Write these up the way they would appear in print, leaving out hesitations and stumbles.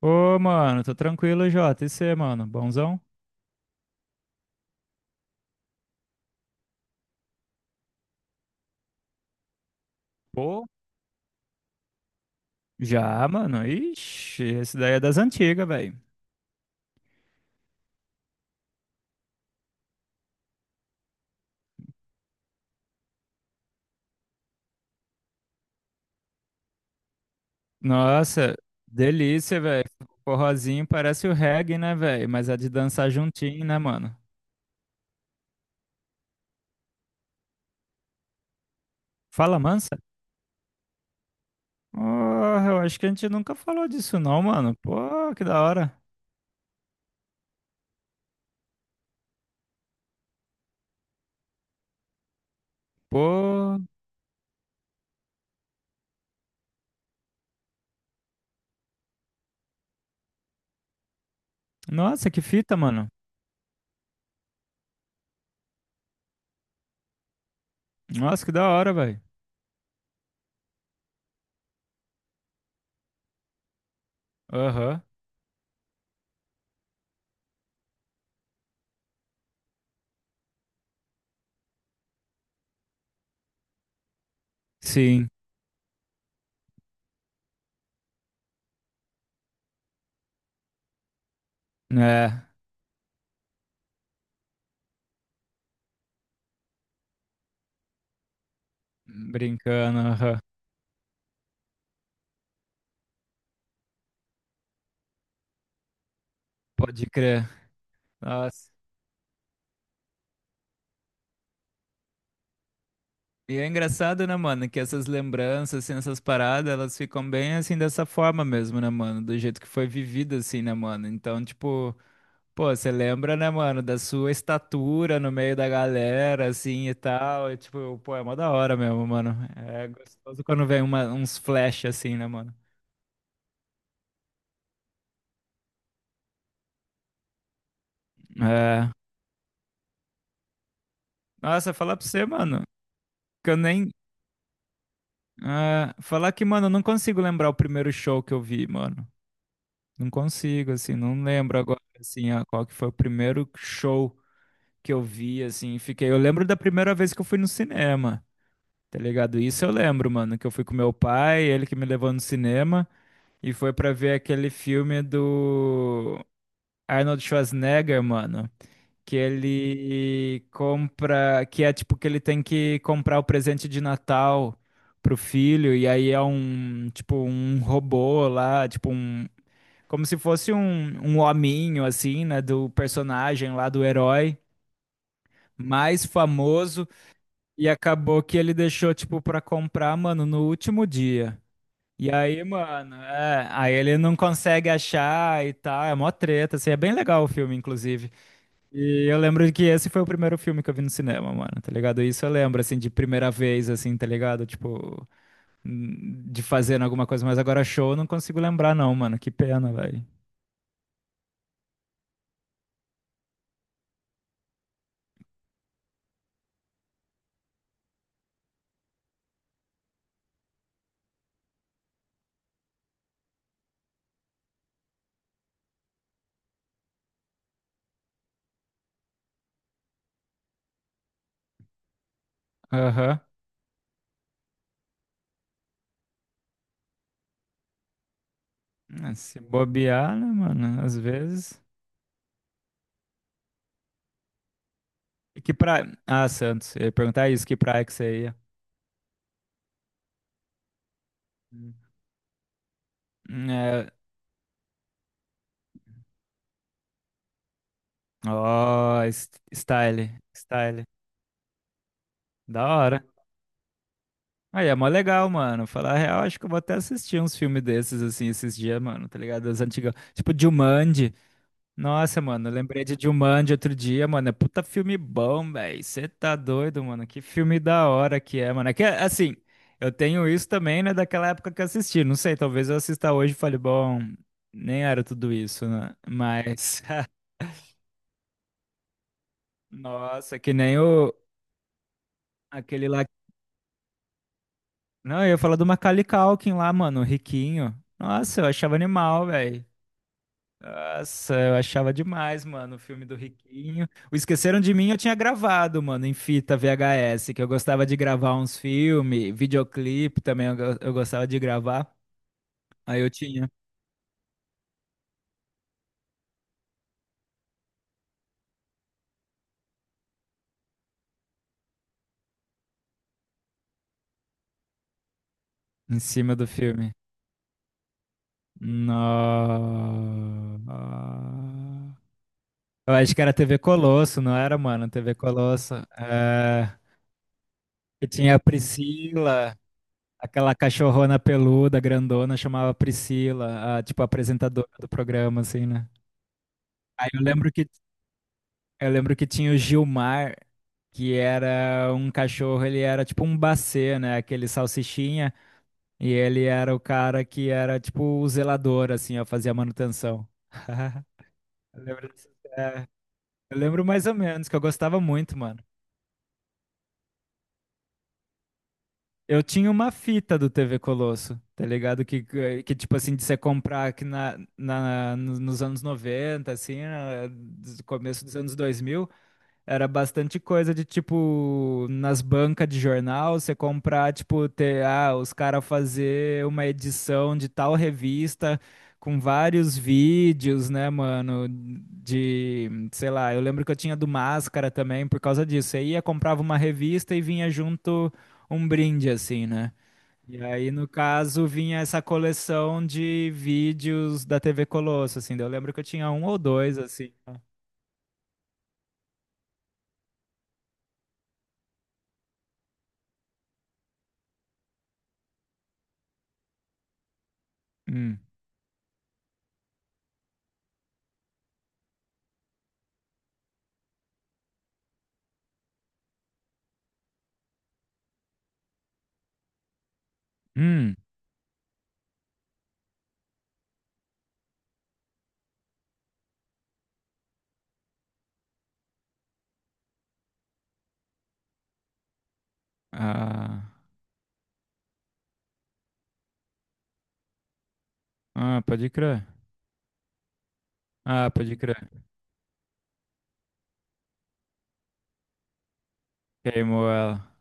Ô, mano, tô tranquilo, Jota. E você, mano? Bonzão? Pô, já, mano. Ixi, esse daí é das antigas, velho. Nossa, delícia, velho. Forrozinho parece o reggae, né, velho? Mas é de dançar juntinho, né, mano? Fala, mansa? Porra, eu acho que a gente nunca falou disso, não, mano. Pô, que da hora. Pô, nossa, que fita, mano. Nossa, que da hora, velho. Aham. Sim, né? Brincando, aham. Pode crer. Nossa. E é engraçado, né, mano, que essas lembranças, assim, essas paradas, elas ficam bem, assim, dessa forma mesmo, né, mano? Do jeito que foi vivida, assim, né, mano? Então, tipo, pô, você lembra, né, mano, da sua estatura no meio da galera, assim, e tal. E, tipo, pô, é mó da hora mesmo, mano. É gostoso quando vem uns flash, assim, né, mano? É. Nossa, falar pra você, mano, que eu nem... é, falar que, mano, eu não consigo lembrar o primeiro show que eu vi, mano. Não consigo, assim, não lembro agora, assim, qual que foi o primeiro show que eu vi, assim, e fiquei. Eu lembro da primeira vez que eu fui no cinema, tá ligado? Isso eu lembro, mano, que eu fui com meu pai, ele que me levou no cinema, e foi pra ver aquele filme do Arnold Schwarzenegger, mano, que ele compra, que é tipo que ele tem que comprar o presente de Natal pro filho, e aí é um, tipo, um robô lá, tipo um como se fosse um hominho, assim, né? Do personagem lá, do herói mais famoso. E acabou que ele deixou, tipo, pra comprar, mano, no último dia. E aí, mano, é, aí ele não consegue achar e tal, é mó treta, assim, é bem legal o filme, inclusive. E eu lembro que esse foi o primeiro filme que eu vi no cinema, mano, tá ligado? Isso eu lembro, assim, de primeira vez, assim, tá ligado? Tipo, de fazendo alguma coisa, mas agora show eu não consigo lembrar não, mano, que pena, velho. Aham. Ah, se bobear, né, mano? Às vezes. E que praia. Ah, Santos. Eu ia perguntar isso, que praia que você ia? Hum. É. Ó, style. Style. Da hora. Aí, é mó legal, mano. Falar a real, acho que eu vou até assistir uns filmes desses, assim, esses dias, mano, tá ligado? Das antigas. Tipo, Jumanji. Nossa, mano, eu lembrei de Jumanji outro dia, mano. É puta filme bom, velho. Você tá doido, mano. Que filme da hora que é, mano. É que, assim, eu tenho isso também, né, daquela época que eu assisti. Não sei, talvez eu assista hoje e fale, bom, nem era tudo isso, né? Mas, nossa, que nem o, aquele lá. Não, eu ia falar do Macaulay Culkin lá, mano, o riquinho. Nossa, eu achava animal, velho. Nossa, eu achava demais, mano, o filme do Riquinho. O Esqueceram de Mim eu tinha gravado, mano, em fita VHS, que eu gostava de gravar uns filmes, videoclipe também eu, eu gostava de gravar. Aí eu tinha em cima do filme. Nossa. Eu acho que era TV Colosso, não era, mano? TV Colosso. É... E tinha a Priscila, aquela cachorrona peluda, grandona, chamava Priscila, a, tipo, a apresentadora do programa, assim, né? Aí eu lembro que Eu lembro que tinha o Gilmar, que era um cachorro, ele era tipo um bacê, né? Aquele salsichinha. E ele era o cara que era tipo o zelador, assim, ó, fazia manutenção. Eu lembro disso, é. Eu lembro mais ou menos, que eu gostava muito, mano. Eu tinha uma fita do TV Colosso, tá ligado? Tipo assim, de você comprar aqui na, na, no- nos anos 90 assim, do começo dos anos 2000. Era bastante coisa de tipo nas bancas de jornal, você comprar, tipo, ter, ah, os caras fazer uma edição de tal revista com vários vídeos, né, mano, de, sei lá, eu lembro que eu tinha do Máscara também por causa disso. Você ia, comprava uma revista e vinha junto um brinde assim, né? E aí, no caso, vinha essa coleção de vídeos da TV Colosso, assim. Daí eu lembro que eu tinha um ou dois, assim. Hum. Hum. Ah. Ah, pode crer. Ah, pode crer. Queimou ela.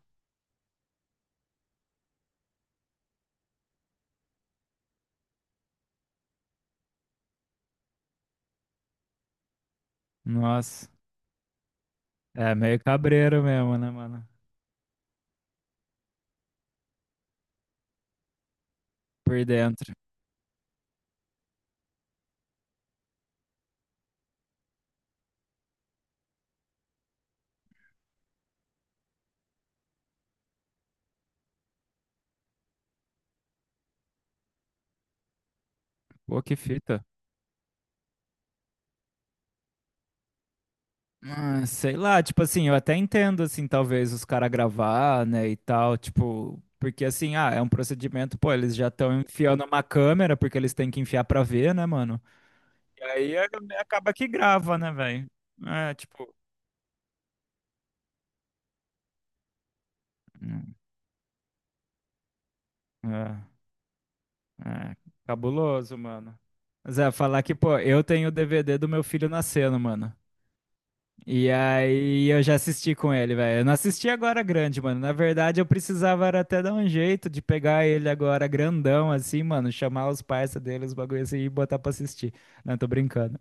Nossa. É meio cabreiro mesmo, né, mano? Por dentro. Pô, que fita. Ah, sei lá, tipo assim, eu até entendo, assim, talvez os caras gravar, né, e tal, tipo. Porque assim, ah, é um procedimento, pô, eles já estão enfiando uma câmera, porque eles têm que enfiar pra ver, né, mano? E aí acaba que grava, né, velho? É, tipo. Hum. É. É, cabuloso, mano. Zé, falar que, pô, eu tenho o DVD do meu filho nascendo, mano. E aí eu já assisti com ele, velho. Eu não assisti agora grande, mano. Na verdade, eu precisava era até dar um jeito de pegar ele agora grandão, assim, mano. Chamar os parça dele, os bagulho assim, e botar pra assistir. Não, tô brincando.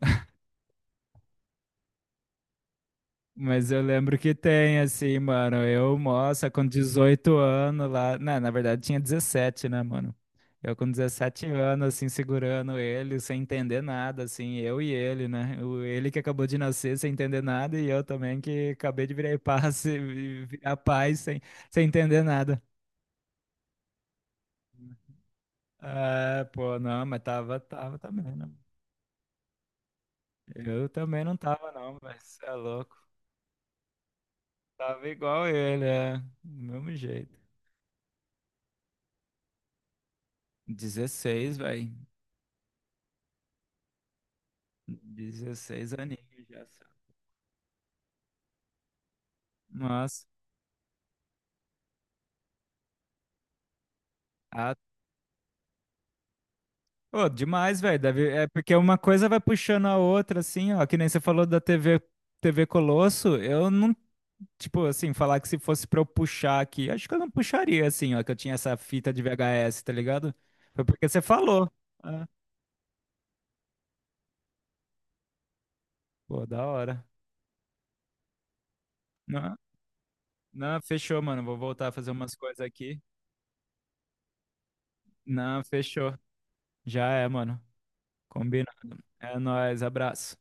Mas eu lembro que tem, assim, mano. Eu, moça, com 18 anos lá. Não, na verdade tinha 17, né, mano? Eu com 17 anos, assim, segurando ele, sem entender nada, assim, eu e ele, né? O, ele que acabou de nascer sem entender nada e eu também que acabei de virar paz, virar pai sem entender nada. É, pô, não, mas tava, também, né? Eu também não tava, não, mas é louco. Tava igual ele, é. Do mesmo jeito. 16, velho. 16 aninhos já, sabe? Nossa. Ah, pô, demais, velho. É porque uma coisa vai puxando a outra, assim, ó. Que nem você falou da TV, TV Colosso. Eu não, tipo, assim, falar que se fosse pra eu puxar aqui, acho que eu não puxaria, assim, ó. Que eu tinha essa fita de VHS, tá ligado? Foi porque você falou. Ah, pô, da hora. Não, não, fechou, mano. Vou voltar a fazer umas coisas aqui. Não, fechou. Já é, mano. Combinado. É nóis, abraço.